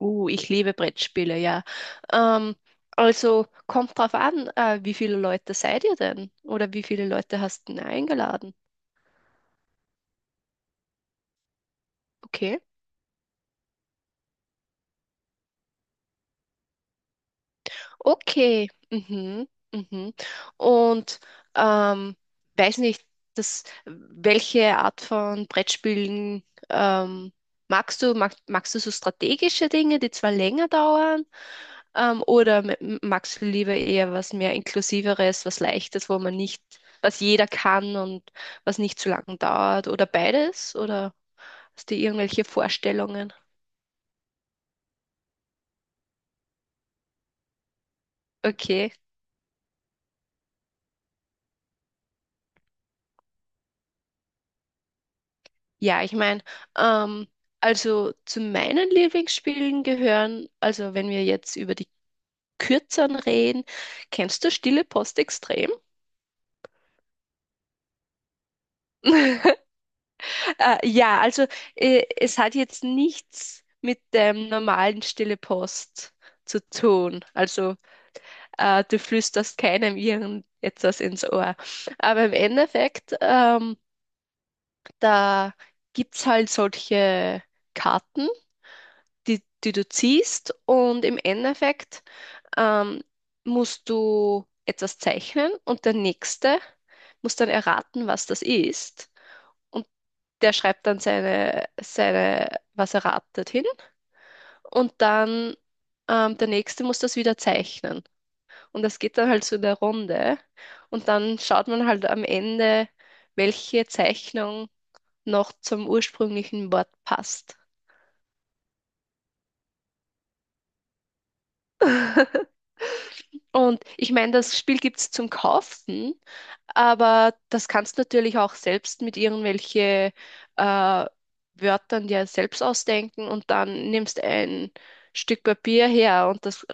Ich liebe Brettspiele, ja. Ähm, also kommt drauf an, wie viele Leute seid ihr denn? Oder wie viele Leute hast du denn eingeladen? Okay. Okay. Mhm. Mhm. Und ähm, weiß nicht, welche Art von Brettspielen ähm, magst du? Magst du so strategische Dinge, die zwar länger dauern? Oder mit magst du lieber eher was mehr Inklusiveres, was Leichtes, wo man nicht, was jeder kann und was nicht zu lange dauert? Oder beides? Oder hast du irgendwelche Vorstellungen? Okay. Ja, ich meine, ähm, also zu meinen Lieblingsspielen gehören, also wenn wir jetzt über die Kürzeren reden, kennst du Stille Post extrem? Ja, also es hat jetzt nichts mit dem normalen Stille Post zu tun. Also du flüsterst keinem irgendetwas ins Ohr. Aber im Endeffekt da gibt's halt solche Karten, die du ziehst, und im Endeffekt ähm, musst du etwas zeichnen und der Nächste muss dann erraten, was das ist. Und der schreibt dann seine, was er ratet hin, und dann der Nächste muss das wieder zeichnen. Und das geht dann halt so in der Runde. Und dann schaut man halt am Ende, welche Zeichnung noch zum ursprünglichen Wort passt. Und ich meine, das Spiel gibt es zum Kaufen, aber das kannst du natürlich auch selbst mit irgendwelche äh, Wörtern dir selbst ausdenken, und dann nimmst ein Stück Papier her und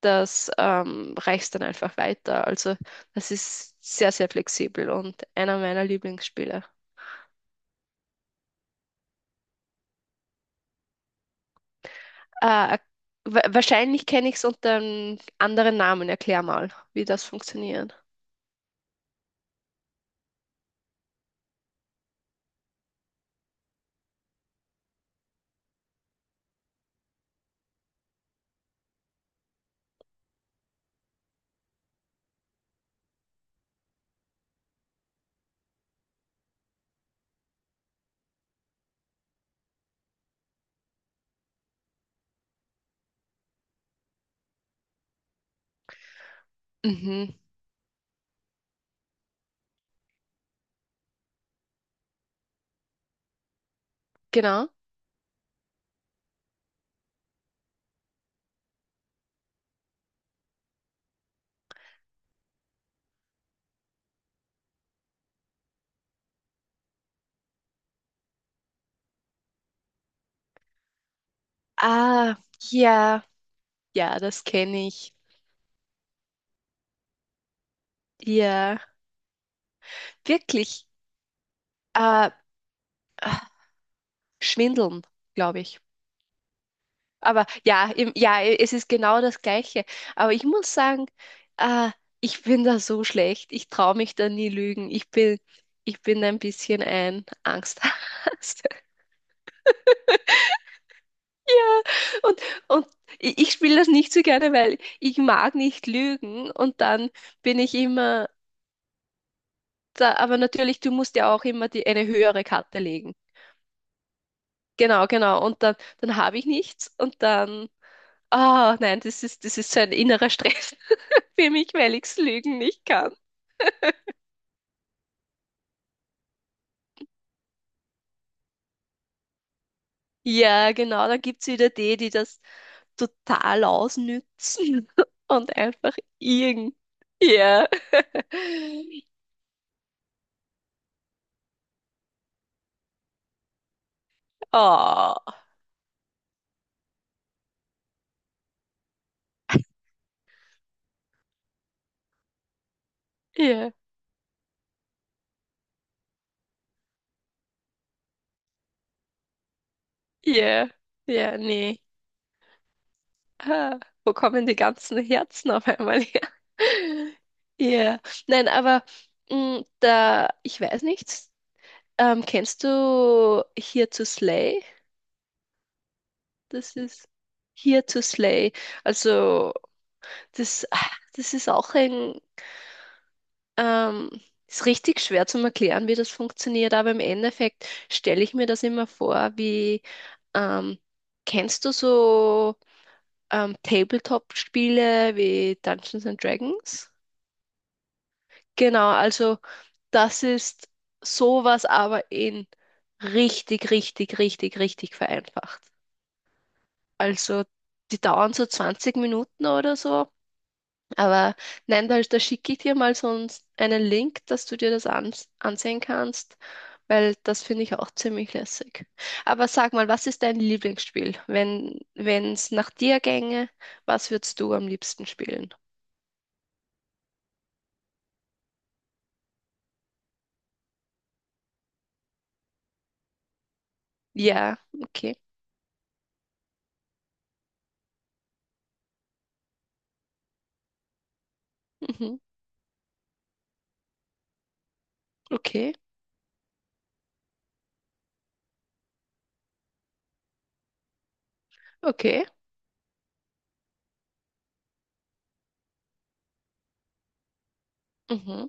das reichst dann einfach weiter. Also das ist sehr, sehr flexibel und einer meiner Lieblingsspiele. Äh, Wahrscheinlich kenne ich es unter einem anderen Namen. Erklär mal, wie das funktioniert. Mhm, genau. Ah, ja, ja, das kenne ich. Ja, wirklich. Äh, ah, Schwindeln, glaube ich. Aber ja, ja, es ist genau das Gleiche. Aber ich muss sagen, äh, ich bin da so schlecht. Ich traue mich da nie lügen. Ich bin ein bisschen ein Angsthase. Ja. Und, und ich spiele das nicht so gerne, weil ich mag nicht lügen, und dann bin ich immer da, aber natürlich, du musst ja auch immer eine höhere Karte legen. Genau, genau. Und dann habe ich nichts und dann, ah nein, das ist so ein innerer Stress für mich, weil ich lügen nicht kann. Ja, genau, dann gibt es wieder die das total ausnützen und einfach irgend. Ja. Oh, ja, ja, ja, nee. Ah, wo kommen die ganzen Herzen auf einmal her? Ja, nein, aber mh, da, ich weiß nicht, kennst du Here to Slay? Das ist Here to Slay. Also, das, ah, das ist auch ein, ähm, ist richtig schwer zu erklären, wie das funktioniert, aber im Endeffekt stelle ich mir das immer vor, ähm, kennst du so Tabletop-Spiele wie Dungeons and Dragons? Genau, also das ist sowas, aber in richtig, richtig, richtig, richtig vereinfacht. Also die dauern so 20 Minuten oder so. Aber nein, da, da schicke ich dir mal so einen einen Link, dass du dir das ansehen kannst, weil das finde ich auch ziemlich lässig. Aber sag mal, was ist dein Lieblingsspiel? Wenn es nach dir gänge, was würdest du am liebsten spielen? Ja, okay. Mhm, okay, okay. Mhm.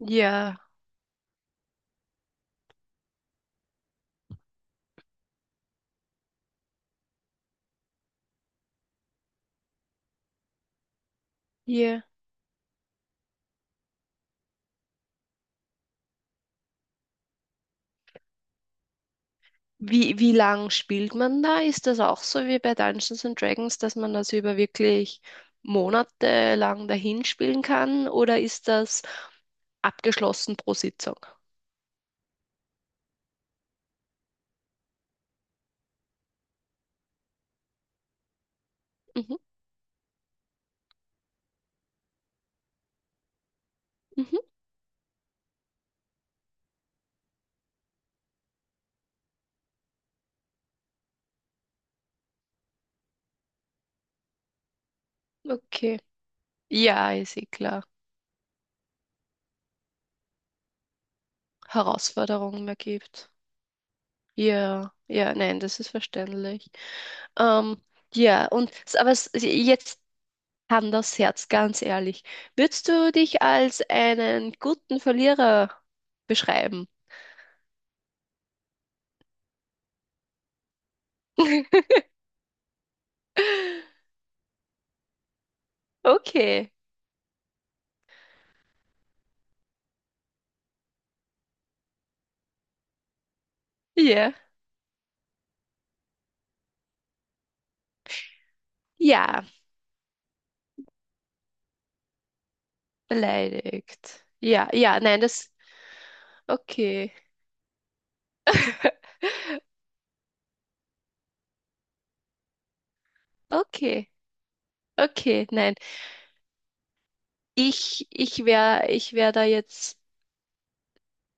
Ja. Ja. Wie lang spielt man da? Ist das auch so wie bei Dungeons and Dragons, dass man das über wirklich monatelang dahin spielen kann? Oder ist das abgeschlossen pro Sitzung? Mhm, mhm, okay. Ja, ist eh klar. Herausforderungen mehr gibt. Ja, ja, nein, das ist verständlich. Ähm, ja, und jetzt kann das Herz ganz ehrlich. Würdest du dich als einen guten Verlierer beschreiben? Okay. Ja. Ja, beleidigt. Ja, ja, nein, das. Okay. Okay. Okay, nein. Ich wär da jetzt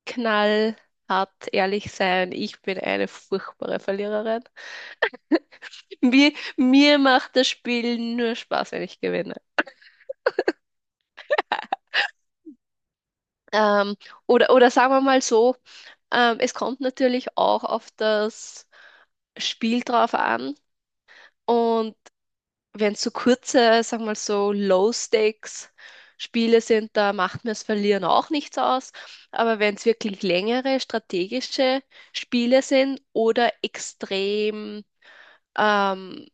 knallhart ehrlich sein. Ich bin eine furchtbare Verliererin. Mir macht das Spiel nur Spaß, wenn ich gewinne. Ähm, oder sagen wir mal so, es kommt natürlich auch auf das Spiel drauf an. Und wenn es so kurze, sagen wir mal so Low-Stakes-Spiele sind, da macht mir das Verlieren auch nichts aus. Aber wenn es wirklich längere strategische Spiele sind oder extrem, ähm,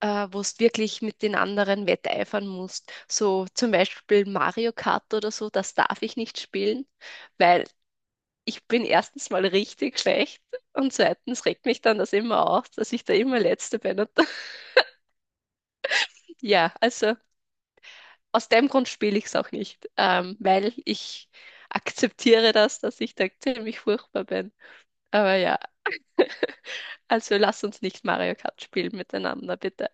wo es wirklich mit den anderen wetteifern musst, so zum Beispiel Mario Kart oder so, das darf ich nicht spielen, weil ich bin erstens mal richtig schlecht, und zweitens regt mich dann das immer auf, dass ich da immer Letzte bin. Und ja, also, aus dem Grund spiele ich es auch nicht, weil ich akzeptiere das, dass ich da ziemlich furchtbar bin. Aber ja, also lass uns nicht Mario Kart spielen miteinander, bitte.